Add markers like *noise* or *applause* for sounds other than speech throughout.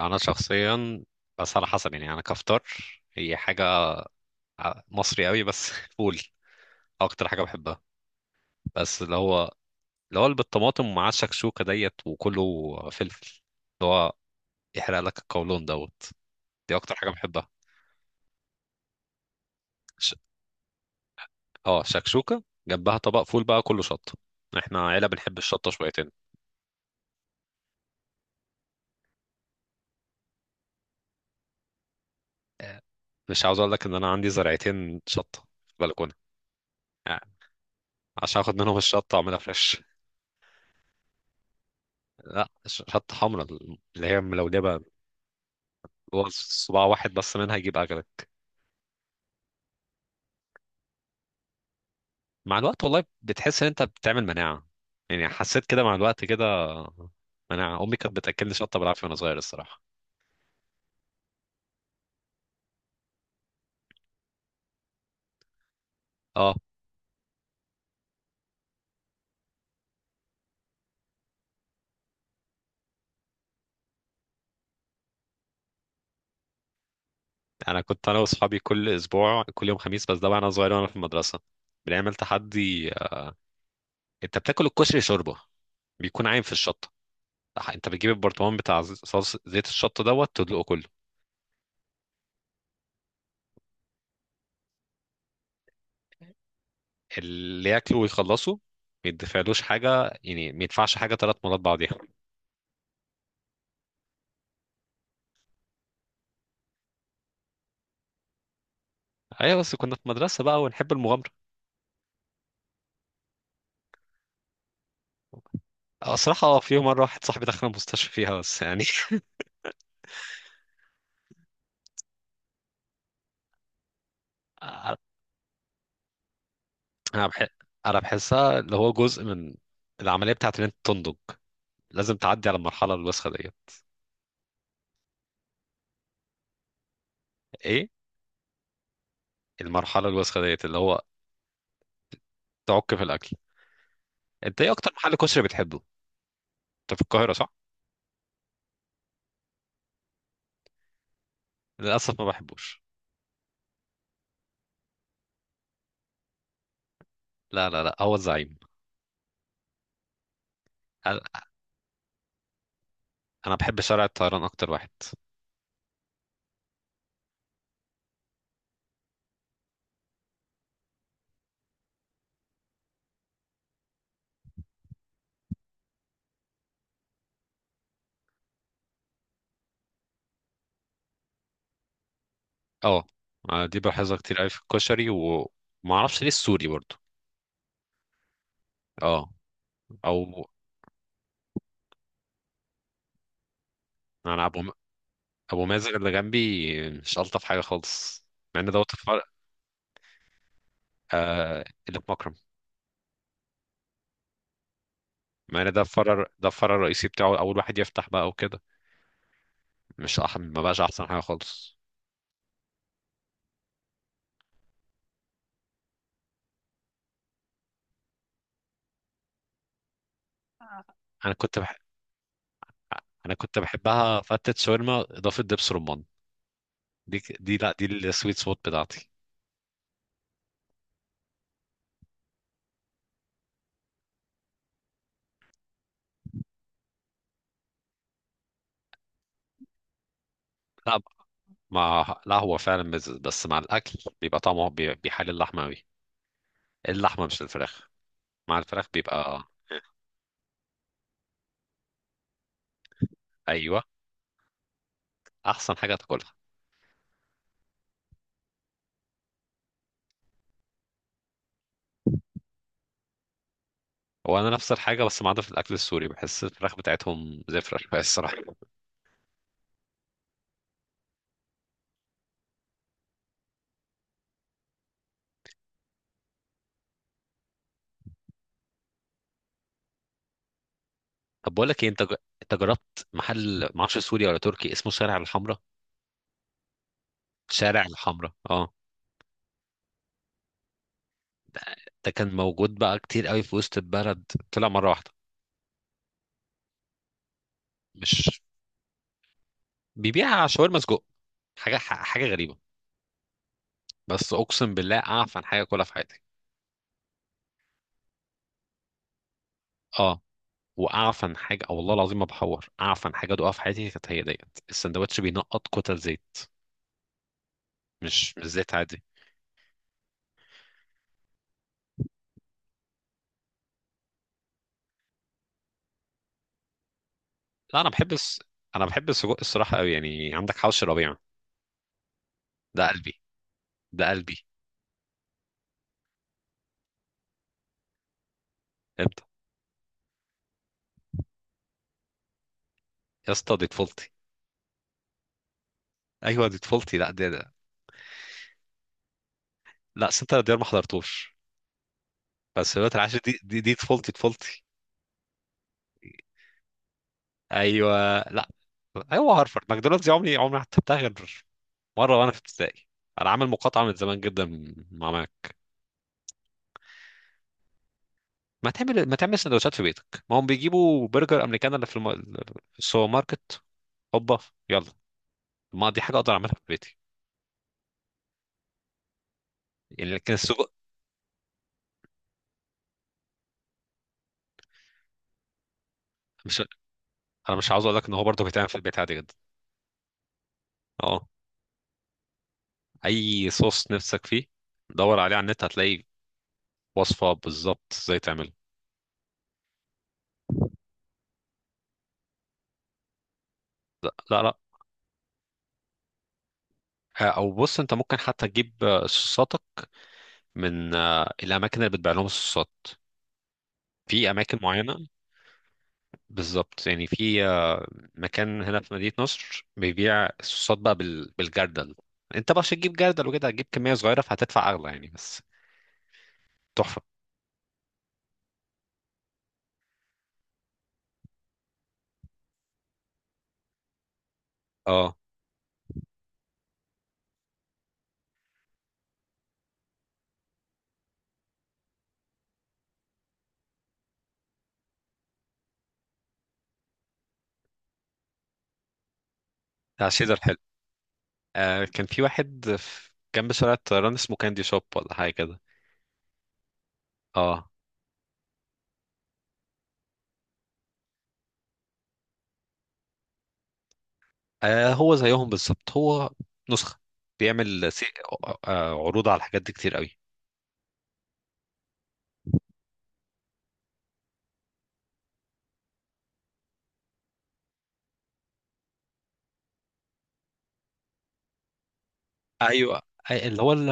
انا شخصيا، بس على حسب. يعني انا كفطار هي حاجه مصري قوي بس *laughs* فول اكتر حاجه بحبها، بس اللي هو اللي بالطماطم ومعاه الشكشوكه ديت وكله فلفل، اللي هو يحرق لك القولون دوت. دي اكتر حاجه بحبها. ش... اه، شكشوكه جنبها طبق فول بقى كله شطه. احنا عيله بنحب الشطه شويتين. مش عاوز اقول لك ان انا عندي زرعتين شطه في البلكونه، يعني عشان اخد منهم الشطه واعملها فريش. لا، شطه حمراء اللي هي ملولبه. هو صباع واحد بس منها يجيب اجلك. مع الوقت والله بتحس ان انت بتعمل مناعه، يعني حسيت كده مع الوقت كده مناعه. امي كانت بتاكلني شطه بالعافيه وانا صغير الصراحه. اه، انا كنت واصحابي كل اسبوع كل يوم خميس، بس ده وانا صغير وانا في المدرسه بنعمل تحدي. انت بتاكل الكشري شوربه، بيكون عايم في الشطه. انت بتجيب البرطمان بتاع صوص زيت الشطه دوت تدلقه كله. اللي ياكله ويخلصه ما يدفعلوش حاجه، يعني ما يدفعش حاجه ثلاث مرات بعضيها. ايوه بس كنا في مدرسه بقى ونحب المغامره. صراحة، في يوم مرة واحد صاحبي دخل المستشفى فيها بس يعني. *laughs* أنا بح... أنا بحسها اللي هو جزء من العملية بتاعت إن أنت تنضج. لازم تعدي على المرحلة الوسخة ديت. إيه؟ المرحلة الوسخة ديت اللي هو تعك في الأكل. أنت إيه أكتر محل كشري بتحبه؟ أنت في القاهرة صح؟ للأسف ما بحبوش. لا لا لا، هو الزعيم. أنا أنا بحب شارع الطيران أكتر واحد. أه. دي بلاحظها كتير أوي في الكشري ومعرفش ليه السوري برضه. أه. أو أنا أبو ابو مازن اللي جنبي مش الطف حاجه خالص، مع ان دوت الفرع، اللي في مكرم. مع ان ده الفرع، الرئيسي بتاعه، اول واحد يفتح بقى وكده. مش أح... ما بقاش احسن حاجه خالص. انا كنت بح... انا كنت بحبها فتت شاورما اضافه دبس رمان. دي السويت سبوت بتاعتي. لا لا، هو فعلا مزز بس مع الاكل بيبقى طعمه بيحل اللحمه قوي. اللحمه مش الفراخ، مع الفراخ بيبقى. ايوه، احسن حاجه تاكلها. هو انا نفس الحاجه بس ما عدا في الاكل السوري بحس الفراخ بتاعتهم زفره شويه الصراحه. طب بقول لك ايه، انت جربت محل ما اعرفش سوري ولا تركي اسمه شارع الحمراء؟ شارع الحمراء، اه. ده, ده كان موجود بقى كتير قوي في وسط البلد، طلع مره واحده. مش بيبيع شاورما سجق، حاجه حاجه غريبه، بس اقسم بالله اعفن حاجه كلها في حياتي. اه، واعفن حاجه، أو والله العظيم ما بحور اعفن حاجه ادوقها في حياتي كانت هي ديت. السندوتش بينقط كتل زيت، مش زيت عادي. لا انا بحب الس... انا بحب السجق الصراحه قوي، يعني عندك حوش الربيع، ده قلبي. ده قلبي. امتى؟ يا اسطى دي طفولتي. ايوه دي طفولتي، لا ده. لا سنتر ديار ما حضرتوش. بس دلوقتي العاشر دي، دي طفولتي طفولتي. ايوه لا. ايوه هارفرد ماكدونالدز، دي عمري عمري ما حتى بتاع غير مره وانا في ابتدائي. انا عامل مقاطعه من زمان جدا مع ماك. ما تعمل سندوتشات في بيتك، ما هم بيجيبوا برجر امريكان في السوبر ماركت، هوبا، يلا، ما دي حاجه اقدر اعملها في بيتي. يعني لكن السجق. مش انا مش عاوز اقول لك ان هو برضه بيتعمل في البيت عادي جدا. اه، اي صوص نفسك فيه دور عليه على النت هتلاقي وصفه بالظبط ازاي تعمله. لا لا لا. او بص، انت ممكن حتى تجيب صوصاتك من الاماكن اللي بتبيع لهم الصوصات، في اماكن معينه بالظبط، يعني في مكان هنا في مدينه نصر بيبيع الصوصات بقى بالجردل. انت بقى عشان تجيب جردل وكده هتجيب كميه صغيره فهتدفع اغلى يعني، بس تحفه. اه، بتاع شيدر. كان في واحد في جنب شارع الطيران اسمه كاندي شوب ولا حاجة كده. اه. هو زيهم بالظبط، هو نسخة، بيعمل عروض على الحاجات دي كتير قوي. ايوه، أي- اللي هو ال-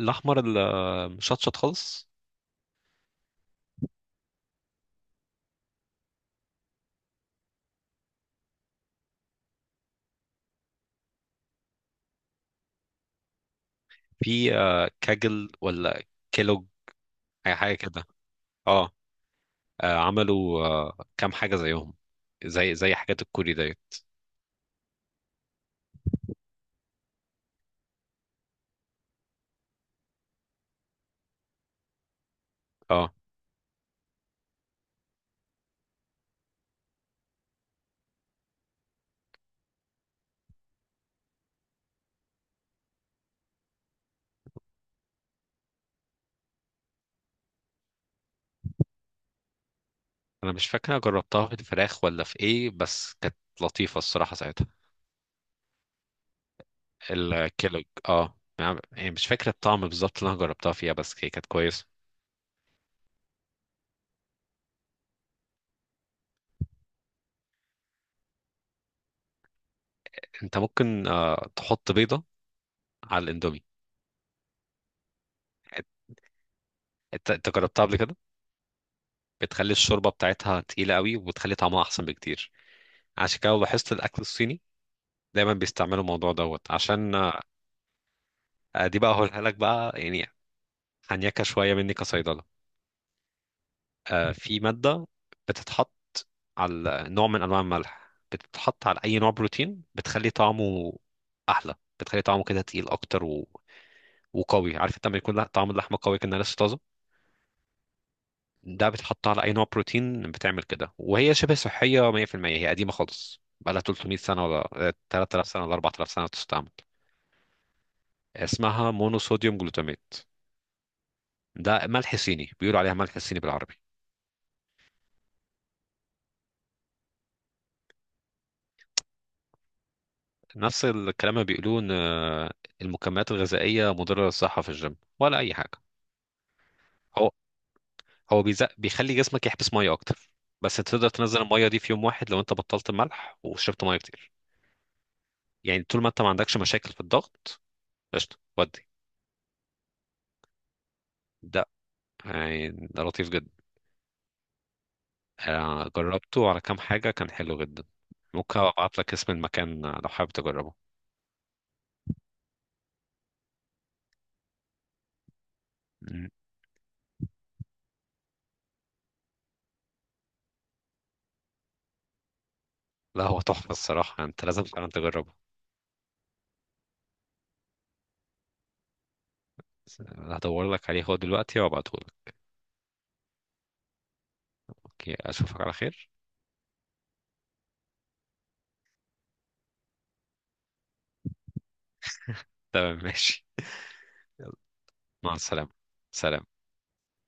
الاحمر المشطشط خالص. في كاجل ولا كيلوج، اي حاجة كده. اه. عملوا كام حاجة زيهم، زي حاجات الكوري ديت. اه، انا مش فاكر أنا جربتها في الفراخ ولا في ايه، بس كانت لطيفة الصراحة ساعتها. الكيلوج، اه، يعني مش فاكر الطعم بالظبط اللي انا جربتها فيها، بس هي كانت كويسه. انت ممكن تحط بيضه على الاندومي. انت جربتها قبل كده؟ بتخلي الشوربه بتاعتها تقيله قوي، وبتخلي طعمها احسن بكتير. عشان كده لو لاحظت الاكل الصيني دايما بيستعملوا الموضوع دوت عشان دي بقى هقولها لك بقى يعني. هنيكه شويه مني كصيدله. في مادة بتتحط على نوع من أنواع الملح، بتتحط على أي نوع بروتين بتخلي طعمه أحلى، بتخلي طعمه كده تقيل أكتر و... وقوي. عارف انت لما يكون طعم اللحمة قوي كأنها لسه طازة، ده بتحط على أي نوع بروتين بتعمل كده، وهي شبه صحية 100%. هي قديمة خالص، بقالها 300 سنة، ولا 3000 سنة، ولا 4000 سنة بتستعمل. اسمها مونوصوديوم جلوتاميت، ده ملح صيني، بيقولوا عليها ملح صيني بالعربي. نفس الكلام اللي بيقولوه ان المكملات الغذائيه مضره للصحه في الجيم ولا اي حاجه. هو هو بيزق، بيخلي جسمك يحبس ميه اكتر، بس تقدر تنزل الميه دي في يوم واحد لو انت بطلت الملح وشربت ميه كتير. يعني طول ما انت ما عندكش مشاكل في الضغط، قشطه. ودي ده، يعني ده لطيف جدا. جربته على كام حاجه كان حلو جدا. ممكن ابعت لك اسم المكان لو حابب تجربه. مم. لا هو تحفه الصراحه، انت لازم فعلا تجربه. هدور لك عليه هو دلوقتي وابعته لك. اوكي، اشوفك على خير. تمام ماشي. مع السلامة. سلام.